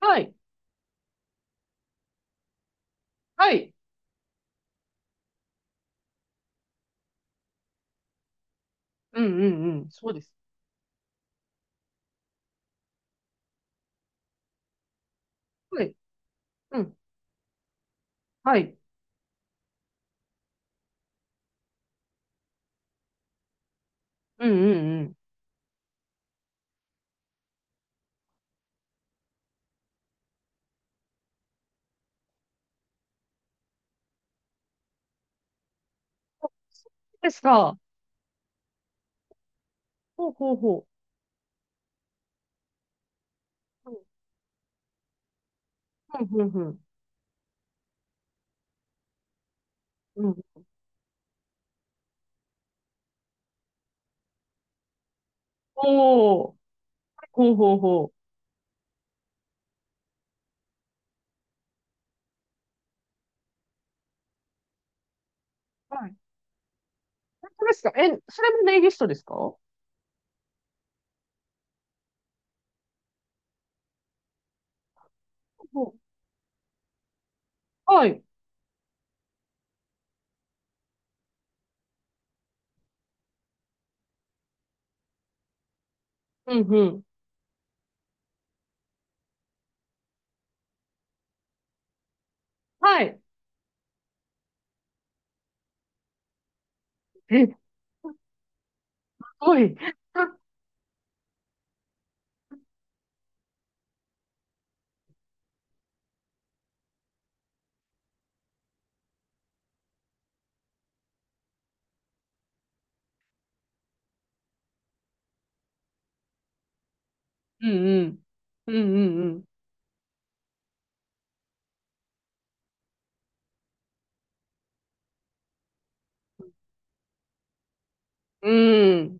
はい。はい。うんうんうん。そうです。はい。うん。はい。うんうんうん。あ、そうですか。ほうほうほう。うん。うんうんうん。うん。おー。ほうほうほう。はい。本当ですか？え、それもネイリストですか？ほうほう。はい。うんうん。はい。え、すごい。うんうん。うんうんうん。うん。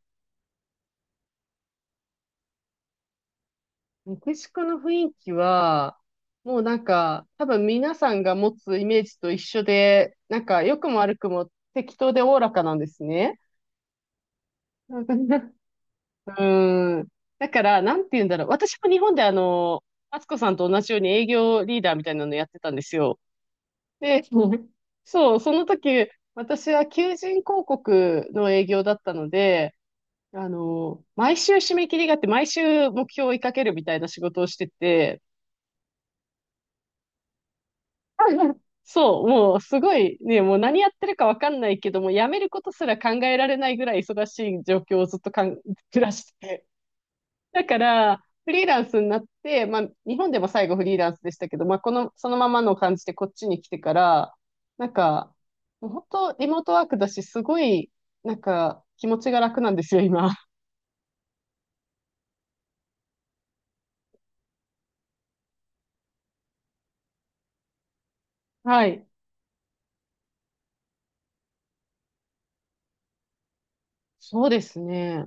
メキシコの雰囲気は、もう多分皆さんが持つイメージと一緒で、良くも悪くも適当でおおらかなんですね。うん。うん。だから、なんて言うんだろう。私も日本で敦子さんと同じように営業リーダーみたいなのやってたんですよ。で、そう、その時、私は求人広告の営業だったので、毎週締め切りがあって、毎週目標を追いかけるみたいな仕事をしてて、そう、もうすごいね、もう何やってるかわかんないけども、辞めることすら考えられないぐらい忙しい状況をずっと暮らしてて。だから、フリーランスになって、まあ、日本でも最後フリーランスでしたけど、まあ、この、そのままの感じでこっちに来てから、なんか、もう本当リモートワークだし、すごい、気持ちが楽なんですよ、今。はい。そうですね。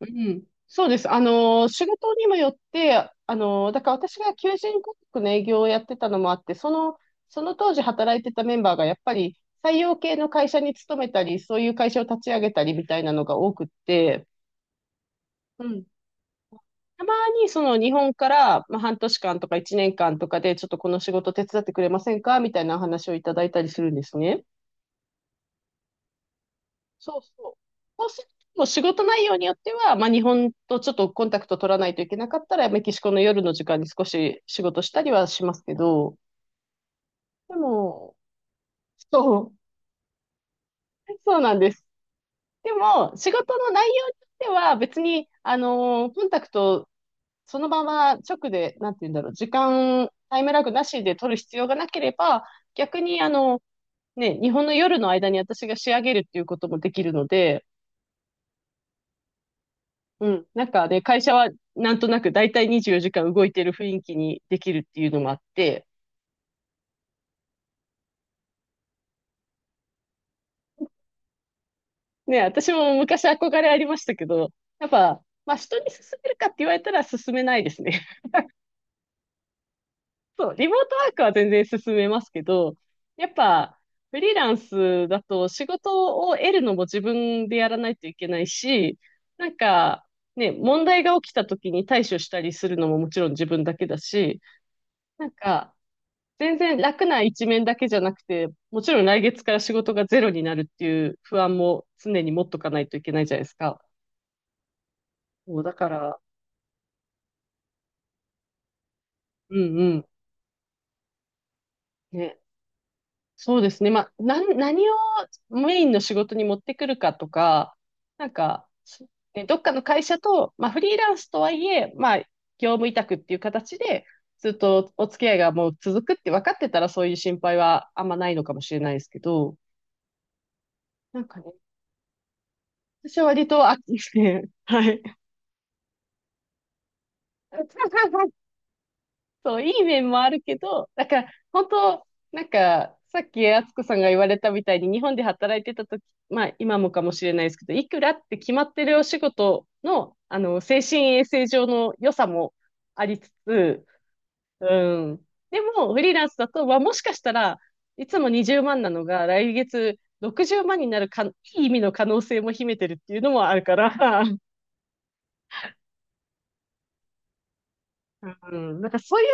うん、そうです。仕事にもよって、だから私が求人広告の営業をやってたのもあって、その、その当時働いてたメンバーがやっぱり採用系の会社に勤めたり、そういう会社を立ち上げたりみたいなのが多くって、うん。たまにその日本から、まあ、半年間とか1年間とかで、ちょっとこの仕事手伝ってくれませんかみたいなお話をいただいたりするんですね。そうそう。そうすると、もう仕事内容によっては、まあ、日本とちょっとコンタクト取らないといけなかったら、メキシコの夜の時間に少し仕事したりはしますけど、でも、そう、そうなんです。でも、仕事の内容によっては、別に、コンタクト、そのまま直で、なんて言うんだろう、時間、タイムラグなしで取る必要がなければ、逆に、ね、日本の夜の間に私が仕上げるっていうこともできるので、うん。なんかで、会社はなんとなく大体24時間動いてる雰囲気にできるっていうのもあって、ね、私も昔憧れありましたけど、やっぱ、まあ人に勧めるかって言われたら勧めないですね。そう、リモートワークは全然勧めますけど、やっぱ、フリーランスだと仕事を得るのも自分でやらないといけないし、なんか、ね、問題が起きた時に対処したりするのももちろん自分だけだし、なんか、全然楽な一面だけじゃなくて、もちろん来月から仕事がゼロになるっていう不安も常に持っとかないといけないじゃないですか。そう、だから、うんうん。ね。そうですね。まあ、何をメインの仕事に持ってくるかとか、なんか、ね、どっかの会社と、まあ、フリーランスとはいえ、まあ、業務委託っていう形で、ずっとお付き合いがもう続くって分かってたら、そういう心配はあんまないのかもしれないですけど、なんかね、私は割と、あ、ですね、はい。そう、いい面もあるけど、だから、本当なんか、さっき敦子さんが言われたみたいに、日本で働いてた時、まあ、今もかもしれないですけど、いくらって決まってるお仕事の、あの、精神衛生上の良さもありつつ、うん。でも、フリーランスだと、はもしかしたらいつも20万なのが、来月60万になるか、いい意味の可能性も秘めてるっていうのもあるから、うん、なんかそうい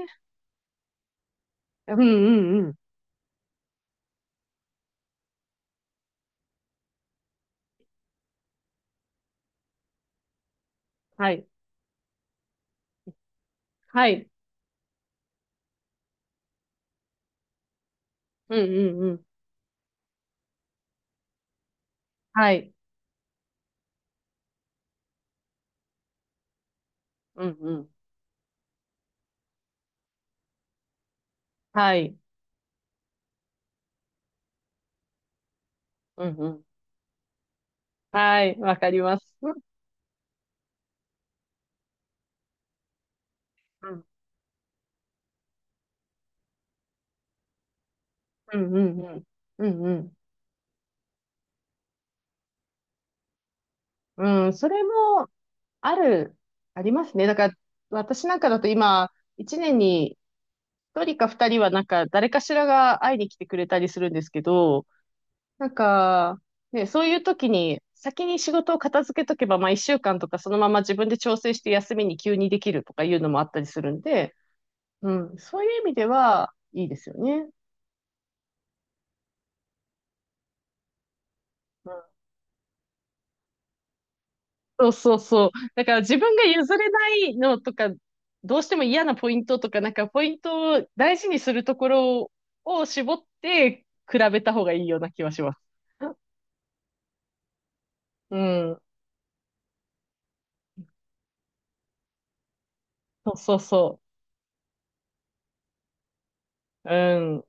うね、うんうんうん。はい。はい。うんうんうん。はい。うんうん。はい。うんうん。はい。わかります。うんうんうんうん。うんうん。うん、それも、ある、ありますね。だから、私なんかだと今、一年に一人か二人はなんか、誰かしらが会いに来てくれたりするんですけど、なんか、ね、そういう時に、先に仕事を片付けとけば、まあ一週間とかそのまま自分で調整して休みに急にできるとかいうのもあったりするんで、うん、そういう意味では、いいですよね。そうそうそう。だから自分が譲れないのとか、どうしても嫌なポイントとか、なんかポイントを大事にするところを絞って比べた方がいいような気はします。うん。そうそうそう。うん。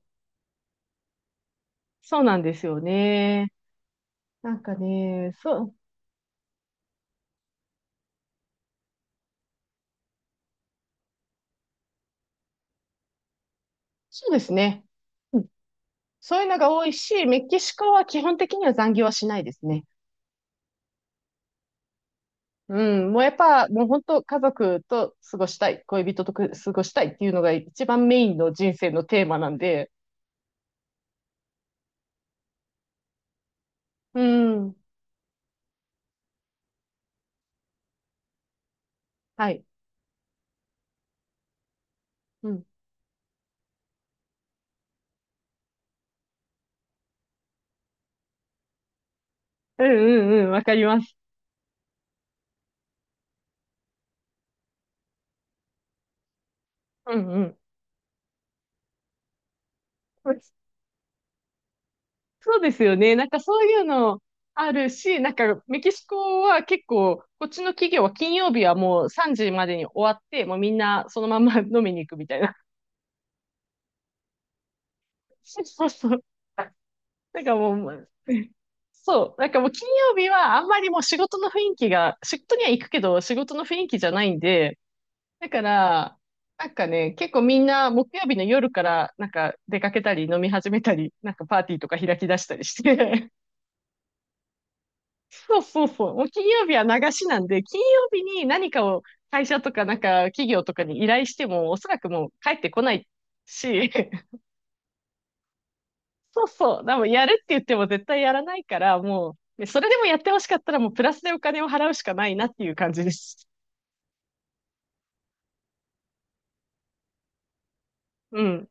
そうなんですよね。なんかね、そう、そうですね。そういうのが多いし、メキシコは基本的には残業はしないですね。うん。もうやっぱ、もう本当家族と過ごしたい、恋人とく過ごしたいっていうのが一番メインの人生のテーマなんで、うん。はい。うん。うんうんうん、わかります。うんうん。そうですよね。なんかそういうのあるし、なんかメキシコは結構、こっちの企業は金曜日はもう3時までに終わって、もうみんなそのまんま飲みに行くみたいな。そうそうそう。なんかもう、そう。なんかもう金曜日はあんまりもう仕事の雰囲気が、仕事には行くけど仕事の雰囲気じゃないんで、だから、なんかね、結構みんな木曜日の夜からなんか出かけたり飲み始めたり、なんかパーティーとか開き出したりして、そうそうそう、もう金曜日は流しなんで、金曜日に何かを会社とかなんか企業とかに依頼しても、おそらくもう帰ってこないし、そうそう、でもやるって言っても絶対やらないから、もう、ね、それでもやってほしかったらもうプラスでお金を払うしかないなっていう感じです。うん。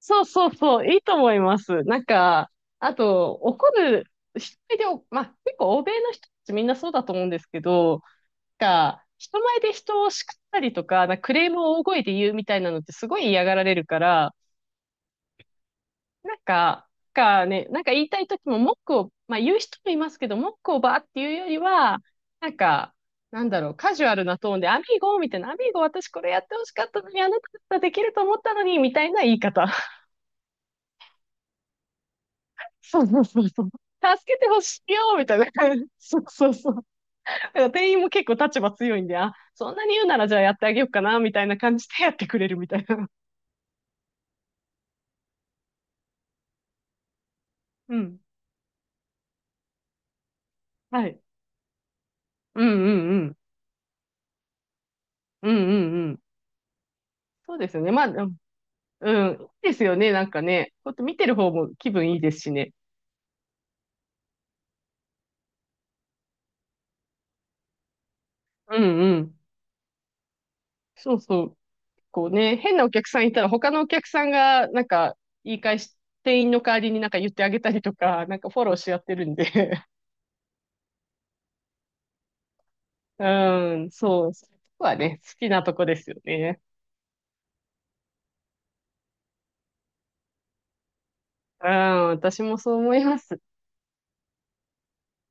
そうそうそう、いいと思います。あと、人前でお、まあ、結構欧米の人たちみんなそうだと思うんですけど、な人前で人を叱ったりとか、なんかクレームを大声で言うみたいなのってすごい嫌がられるから、なんか、なんかね、なんか言いたい時も文句を、まあ言う人もいますけど、文句をバーっていうよりは、なんか、なんだろう、カジュアルなトーンで、アミーゴみたいな、アミーゴ私これやってほしかったのに、あなただったらできると思ったのに、みたいな言い方。そうそうそうそう。助けてほしいよみたいな感じ。そうそうそう。だから店員も結構立場強いんで、あ、そんなに言うならじゃあやってあげようかな、みたいな感じでやってくれるみたいな。うん。はい。うんうんうん。うんうんうん。そうですよね。まあ、うん。うん、いいですよね。なんかね。こうやって見てる方も気分いいですしね。うんうん。そうそう。こうね、変なお客さんいたら他のお客さんが、言い返し、店員の代わりになんか言ってあげたりとか、なんかフォローし合ってるんで、うん、そう。そこはね、好きなとこですよね。うん、私もそう思います。